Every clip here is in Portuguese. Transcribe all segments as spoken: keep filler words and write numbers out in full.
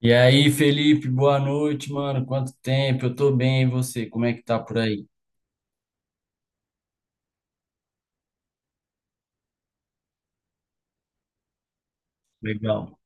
E aí, Felipe, boa noite, mano. Quanto tempo? Eu tô bem, e você? Como é que tá por aí? Legal.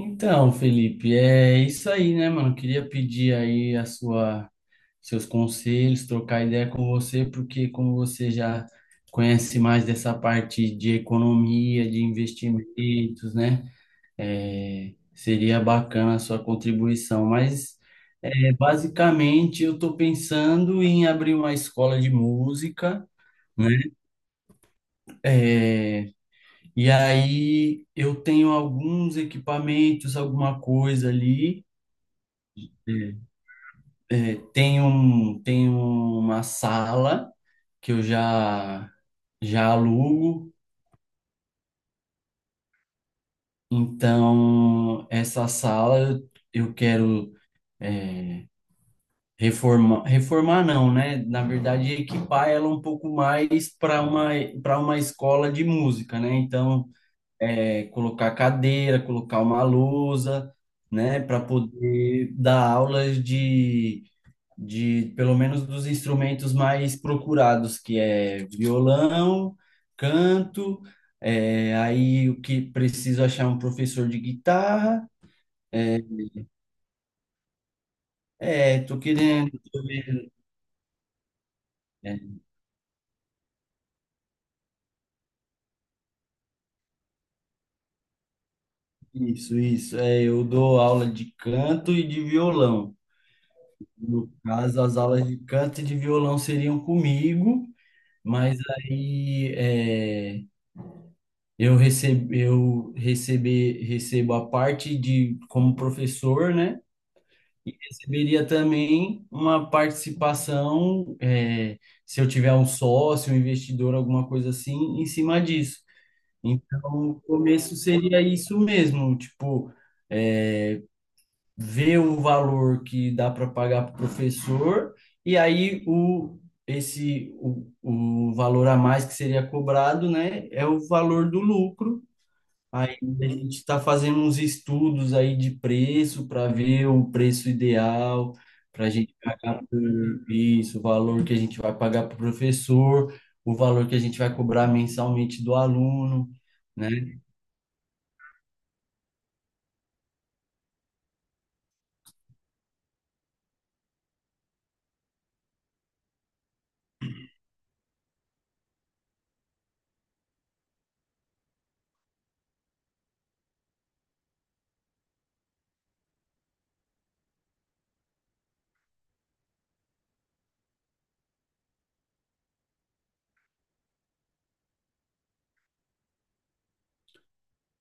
Então, Felipe, é isso aí, né, mano? Queria pedir aí a sua, seus conselhos, trocar ideia com você, porque como você já conhece mais dessa parte de economia, de investimentos, né? É, seria bacana a sua contribuição, mas é, basicamente eu estou pensando em abrir uma escola de música, né? É, e aí eu tenho alguns equipamentos, alguma coisa ali. Hum. É, tem um, tem uma sala que eu já já alugo. Então, essa sala eu, eu quero, é, reformar, reformar não, né? Na verdade, equipar ela um pouco mais para uma para uma escola de música, né? Então, é, colocar cadeira, colocar uma lousa, né, para poder dar aulas de, de pelo menos dos instrumentos mais procurados, que é violão, canto, é, aí o que preciso achar um professor de guitarra. É, é, tô querendo, tô vendo. É, isso, isso. É, eu dou aula de canto e de violão. No caso, as aulas de canto e de violão seriam comigo. Mas aí é, eu recebo, eu recebe, recebo a parte de como professor, né? E receberia também uma participação, é, se eu tiver um sócio, um investidor, alguma coisa assim, em cima disso. Então, o começo seria isso mesmo, tipo, eh, vê um valor que dá para pagar para o professor, e aí o, esse, o, o valor a mais que seria cobrado, né, é o valor do lucro. Aí a gente está fazendo uns estudos aí de preço para ver o preço ideal, para a gente pagar por isso, o valor que a gente vai pagar para o professor, o valor que a gente vai cobrar mensalmente do aluno, né?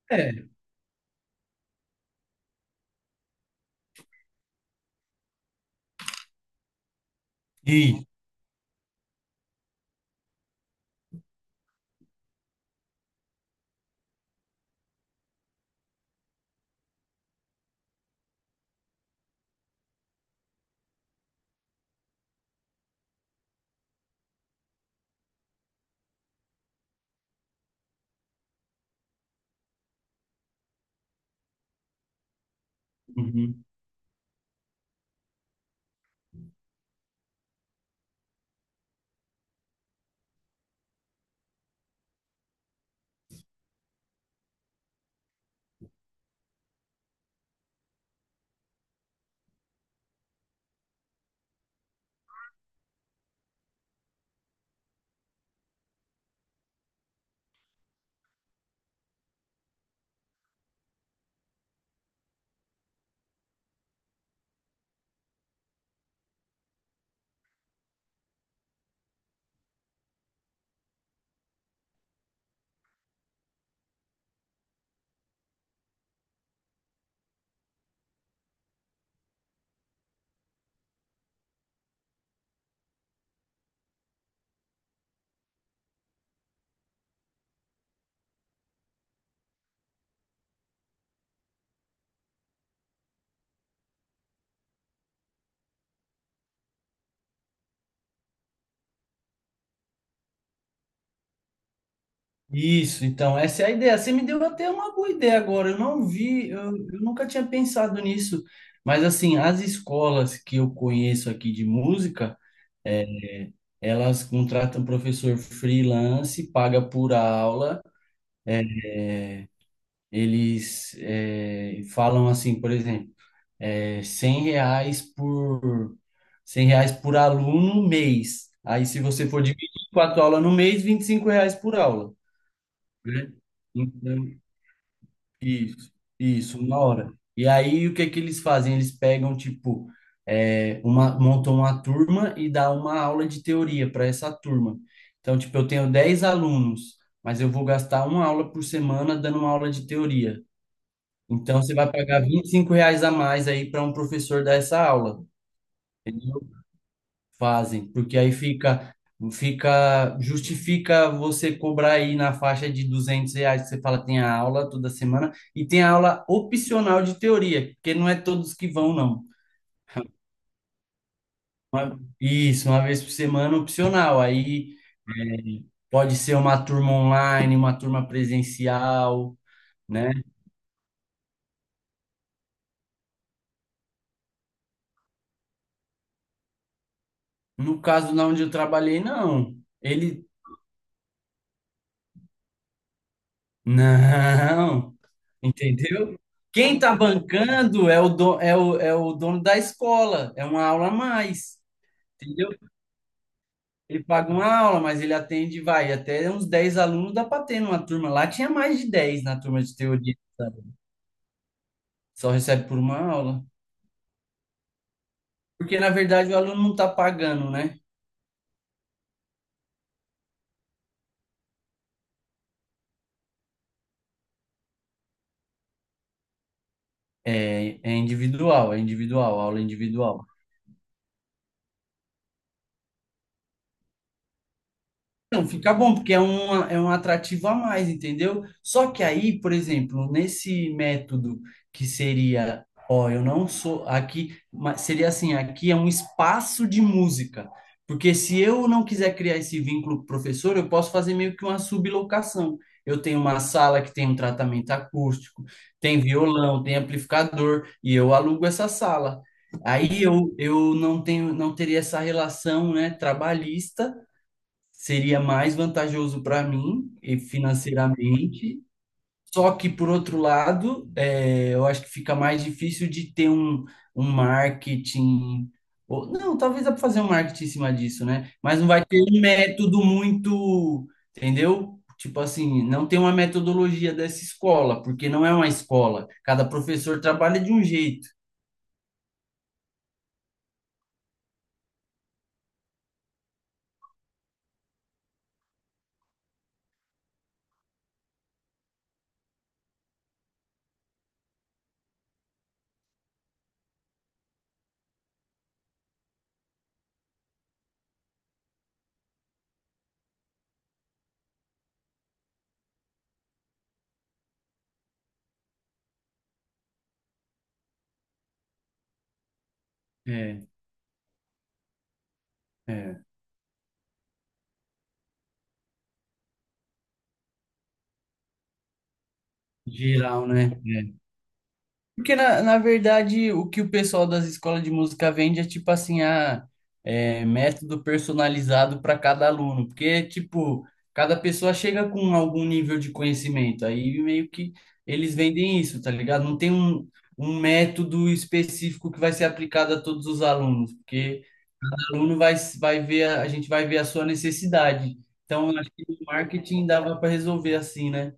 É. E, uhum. Isso, então, essa é a ideia. Você me deu até uma boa ideia agora. Eu não vi, eu, eu nunca tinha pensado nisso. Mas, assim, as escolas que eu conheço aqui de música, é, elas contratam professor freelance, paga por aula. Eles eh, falam assim, por exemplo, eh, cem reais por cem reais por aluno mês. Aí, se você for dividir quatro aulas no mês, vinte e cinco reais por aula, né? Então, Isso, isso, uma hora. E aí o que que eles fazem? Eles pegam, tipo, é, uma, montam uma turma e dá uma aula de teoria para essa turma. Então, tipo, eu tenho dez alunos, mas eu vou gastar uma aula por semana dando uma aula de teoria. Então, você vai pagar vinte e cinco reais a mais aí para um professor dar essa aula. Fazem, porque aí fica, fica, justifica você cobrar aí na faixa de duzentos reais, que você fala tem a aula toda semana, e tem a aula opcional de teoria, porque não é todos que vão, não. Uma- Isso, uma vez por semana opcional, aí é, pode ser uma turma online, uma turma presencial, né? No caso, na onde eu trabalhei, não. Ele Não, entendeu? Quem está bancando é o, do- é o, é o dono da escola, é uma aula a mais, entendeu? Ele paga uma aula, mas ele atende, vai, até uns dez alunos dá para ter numa turma. Lá tinha mais de dez na turma de teoria, sabe? Só recebe por uma aula. Porque, na verdade, o aluno não está pagando, né? É, é individual, é individual, aula individual. Não, fica bom, porque é um, é um atrativo a mais, entendeu? Só que aí, por exemplo, nesse método que seria, ó, eu não sou aqui, mas seria assim, aqui é um espaço de música. Porque se eu não quiser criar esse vínculo com o professor, eu posso fazer meio que uma sublocação. Eu tenho uma sala que tem um tratamento acústico, tem violão, tem amplificador, e eu alugo essa sala. Aí eu, eu não tenho, não teria essa relação, né, trabalhista, seria mais vantajoso para mim e financeiramente. Só que, por outro lado, é, eu acho que fica mais difícil de ter um, um marketing. Ou- não, talvez dá para fazer um marketing em cima disso, né? Mas não vai ter um método muito. Entendeu? Tipo assim, não tem uma metodologia dessa escola, porque não é uma escola. Cada professor trabalha de um jeito. É, é. Geral, né? Porque, na, na verdade, o que o pessoal das escolas de música vende é tipo assim, a, é, método personalizado para cada aluno. Porque, tipo, cada pessoa chega com algum nível de conhecimento. Aí meio que eles vendem isso, tá ligado? Não tem um, um método específico que vai ser aplicado a todos os alunos. Porque o aluno vai, vai ver, a, a gente vai ver a sua necessidade. Então, eu acho que o marketing dava para resolver assim, né?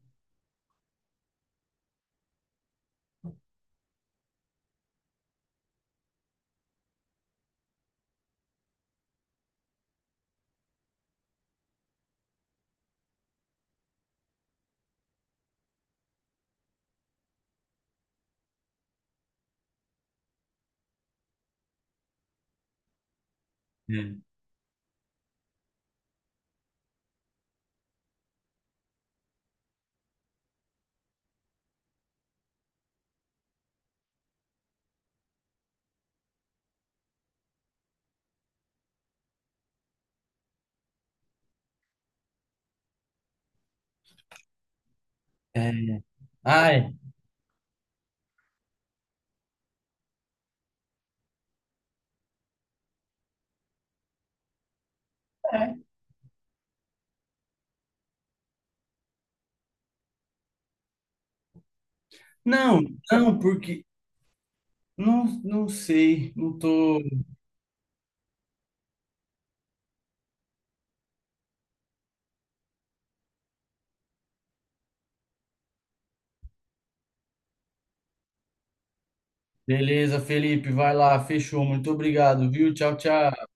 É. É. Ah, é. Não, não, porque não, não sei, não tô. Beleza, Felipe, vai lá, fechou. Muito obrigado, viu? Tchau, tchau.